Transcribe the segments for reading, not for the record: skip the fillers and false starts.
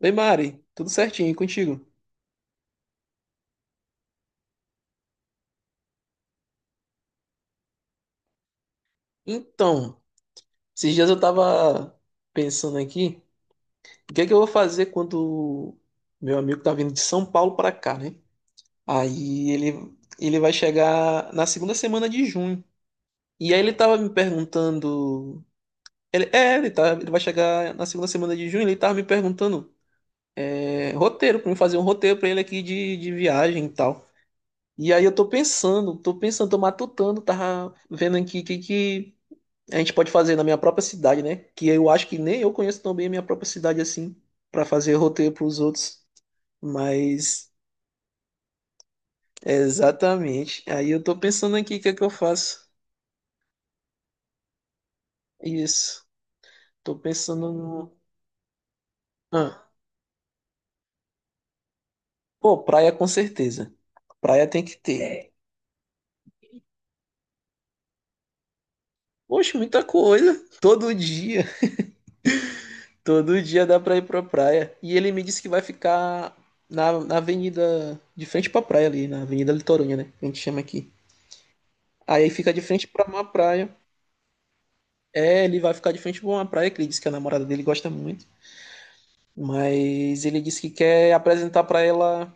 Oi, Mari, tudo certinho e contigo? Então, esses dias eu tava pensando aqui, o que é que eu vou fazer quando meu amigo tá vindo de São Paulo pra cá, né? Aí ele vai chegar na segunda semana de junho. E aí ele tava me perguntando. Ele, é, ele, tá, ele vai chegar na segunda semana de junho, ele tava me perguntando roteiro, pra mim fazer um roteiro pra ele aqui de viagem e tal. E aí eu tô pensando, tô matutando, tava vendo aqui o que que a gente pode fazer na minha própria cidade, né? Que eu acho que nem eu conheço tão bem a minha própria cidade assim, pra fazer roteiro pros outros. Mas, exatamente. Aí eu tô pensando aqui o que é que eu faço. Isso. Tô pensando no. Ah, pô, praia com certeza. Praia tem que ter. Poxa, muita coisa. Todo dia. Todo dia dá pra ir pra praia. E ele me disse que vai ficar na avenida, de frente pra praia ali, na Avenida Litorânea, né? Que a gente chama aqui. Aí fica de frente pra uma praia. É, ele vai ficar de frente pra uma praia que ele disse que a namorada dele gosta muito. Mas ele disse que quer apresentar pra ela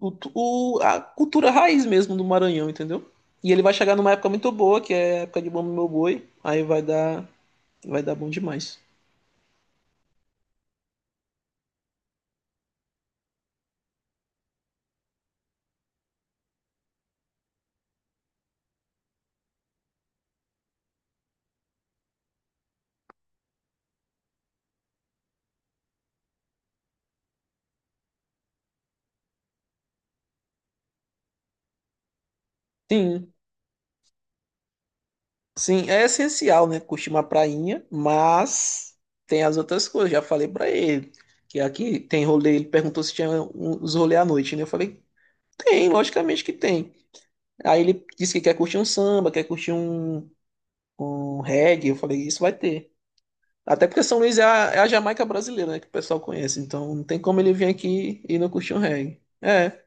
a cultura raiz mesmo do Maranhão, entendeu? E ele vai chegar numa época muito boa, que é a época de Bom Meu Boi. Aí vai dar bom demais. Sim, sim, é essencial, né? Curtir uma prainha, mas tem as outras coisas. Já falei pra ele que aqui tem rolê. Ele perguntou se tinha um- os rolê à noite, né? Eu falei, tem, logicamente que tem. Aí ele disse que quer curtir um samba, quer curtir um, um reggae. Eu falei, isso vai ter. Até porque São Luís é a, é a Jamaica brasileira, né? Que o pessoal conhece. Então não tem como ele vir aqui e não curtir um reggae. É.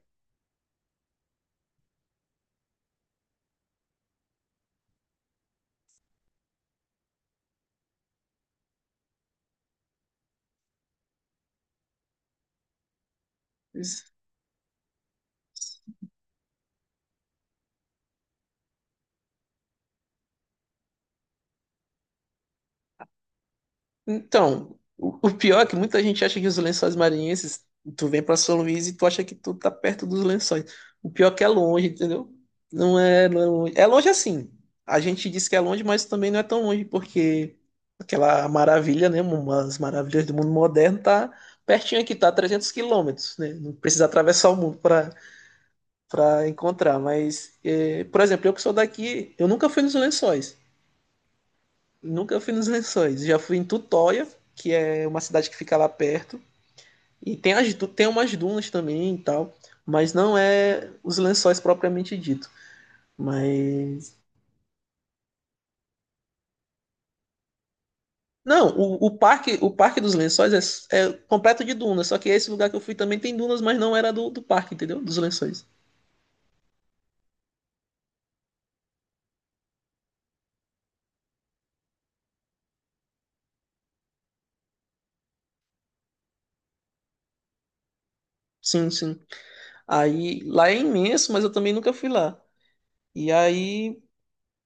Então, o pior é que muita gente acha que os lençóis maranhenses, tu vem pra São Luís e tu acha que tu tá perto dos lençóis. O pior é que é longe, entendeu? Não é, não é longe. É longe assim. A gente diz que é longe, mas também não é tão longe, porque aquela maravilha, né? Umas maravilhas do mundo moderno tá pertinho aqui, tá a 300 quilômetros, né? Não precisa atravessar o mundo pra, pra encontrar. Mas, é, por exemplo, eu que sou daqui, eu nunca fui nos lençóis. Nunca fui nos Lençóis. Já fui em Tutóia, que é uma cidade que fica lá perto. E tem, as, tem umas dunas também e tal. Mas não é os Lençóis propriamente dito. Mas. Não, o, o parque dos Lençóis é, é completo de dunas. Só que esse lugar que eu fui também tem dunas, mas não era do parque, entendeu? Dos Lençóis. Sim, sim. Aí lá é imenso, mas eu também nunca fui lá. E aí.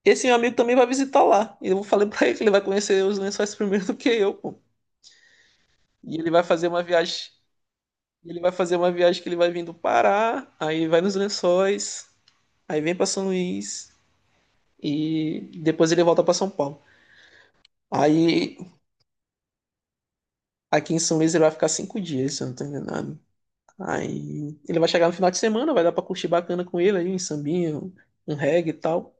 Esse meu amigo também vai visitar lá. E eu falei pra ele que ele vai conhecer os lençóis primeiro do que eu, pô. E ele vai fazer uma viagem. E ele vai fazer uma viagem que ele vai vir do Pará, aí vai nos Lençóis, aí vem para São Luís e depois ele volta para São Paulo. Aí aqui em São Luís ele vai ficar 5 dias, se eu não tô enganado. Aí ele vai chegar no final de semana, vai dar para curtir bacana com ele aí, um sambinho, um reggae e tal.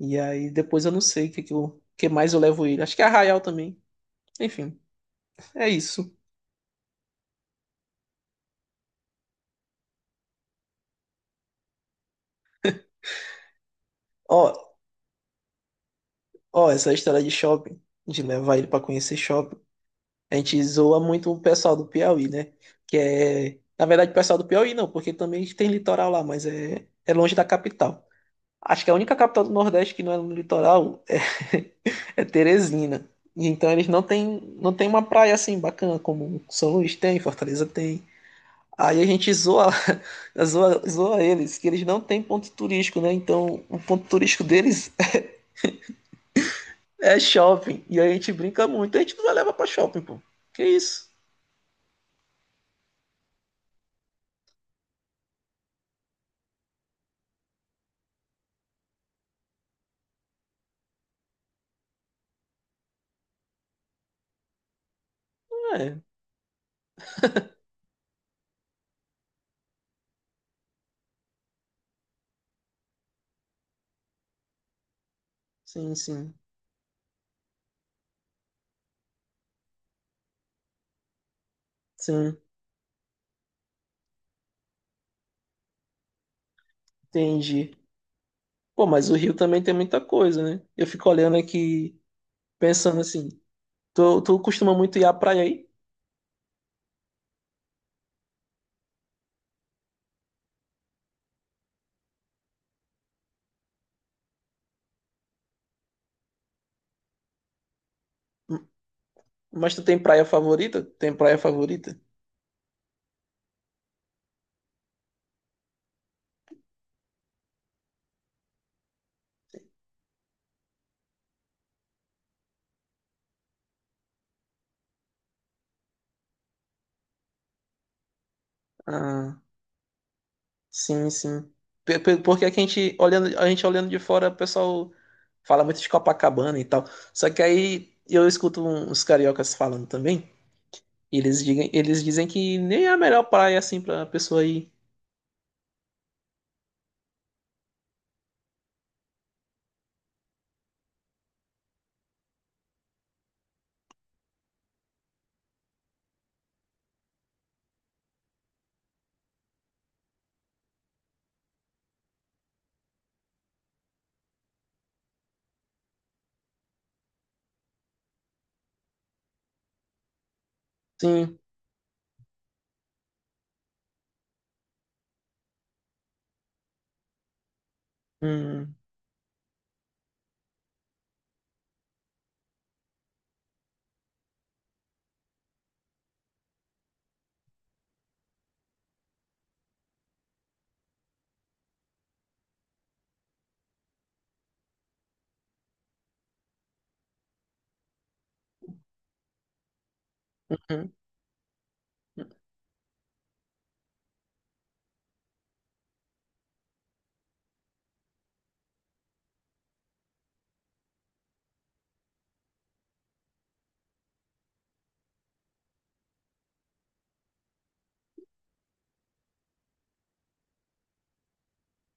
E aí depois eu não sei o que mais eu levo ele. Acho que é Arraial também. Enfim, é isso. Ó, ó, essa história de shopping, de levar ele para conhecer shopping. A gente zoa muito o pessoal do Piauí, né? Que é. Na verdade, o pessoal do Piauí não, porque também tem litoral lá, mas é, é longe da capital. Acho que a única capital do Nordeste que não é no litoral é, é Teresina. E então eles não tem uma praia assim bacana, como São Luís tem, Fortaleza tem. Aí a gente zoa, zoa, zoa eles, que eles não têm ponto turístico, né? Então o ponto turístico deles é shopping. E aí a gente brinca muito, a gente não vai levar pra shopping, pô. Que isso? É, sim, sim. Sim, entendi. Pô, mas o Rio também tem muita coisa, né? Eu fico olhando aqui, pensando assim, tu costuma muito ir à praia aí? M- Mas tu tem praia favorita? Tem praia favorita? Ah, sim, sim. Porque aqui a gente olhando de fora, o pessoal fala muito de Copacabana e tal. Só que aí eu escuto um, uns cariocas falando também, e eles dizem que nem é a melhor praia assim pra pessoa ir. Sim. Hum, uhum, uhum.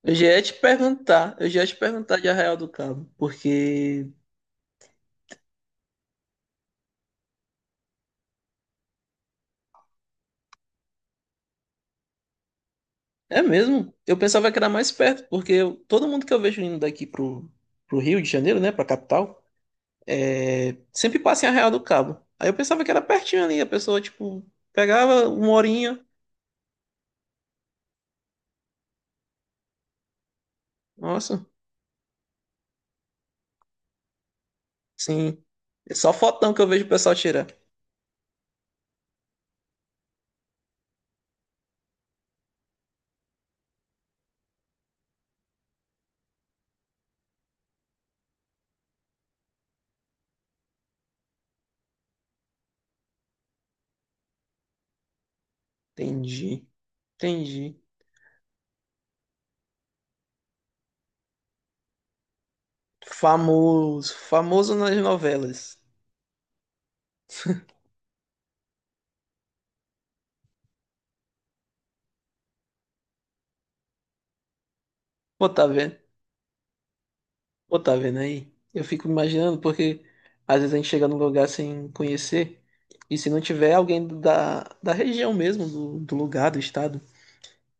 Eu já ia te perguntar, eu já ia te perguntar de Arraial do Cabo, porque é mesmo, eu pensava que era mais perto, porque eu- todo mundo que eu vejo indo daqui pro, pro Rio de Janeiro, né, pra capital, é, sempre passa em Arraial do Cabo. Aí eu pensava que era pertinho ali, a pessoa, tipo, pegava uma horinha, nossa, sim, é só fotão que eu vejo o pessoal tirar. Entendi, entendi. Famoso, famoso nas novelas. Pô, tá vendo? Pô, tá vendo aí? Eu fico imaginando, porque às vezes a gente chega num lugar sem conhecer, e se não tiver alguém da região mesmo, do lugar, do estado,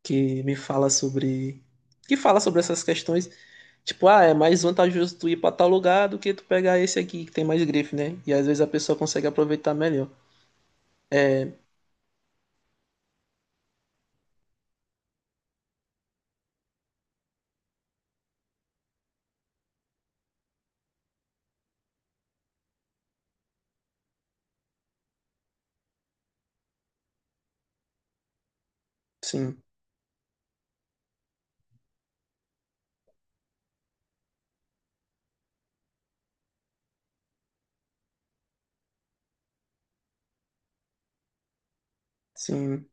que me fala sobre. Que fala sobre essas questões, tipo, ah, é mais vantajoso tu ir pra tal lugar do que tu pegar esse aqui que tem mais grife, né? E às vezes a pessoa consegue aproveitar melhor. Sim, sim.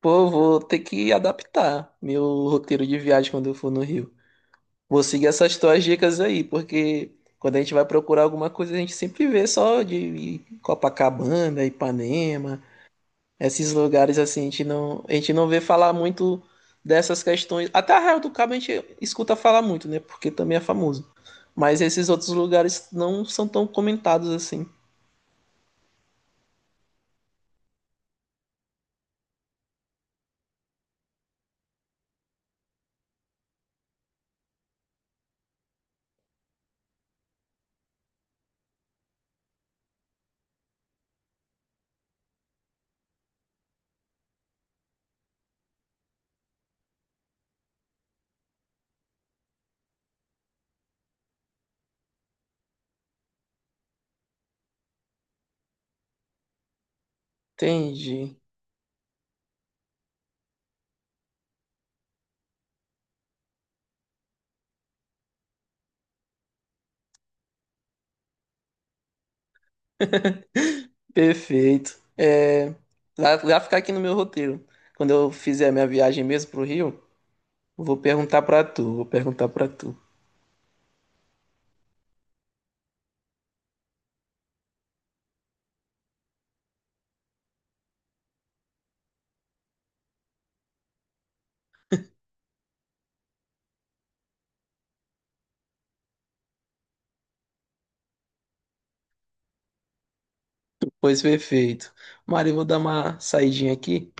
Pô, eu vou ter que adaptar meu roteiro de viagem quando eu for no Rio. Vou seguir essas tuas dicas aí, porque quando a gente vai procurar alguma coisa, a gente sempre vê só de Copacabana, Ipanema, esses lugares assim, a gente não vê falar muito dessas questões. Até Arraial do Cabo a gente escuta falar muito, né? Porque também é famoso. Mas esses outros lugares não são tão comentados assim. Entendi. Perfeito. É, vai, vai ficar aqui no meu roteiro. Quando eu fizer a minha viagem mesmo pro Rio, vou perguntar pra tu, vou perguntar pra tu. Pois perfeito. Mari, eu vou dar uma saidinha aqui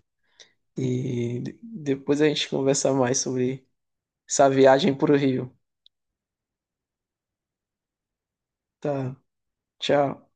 e depois a gente conversa mais sobre essa viagem pro Rio. Tá, tchau.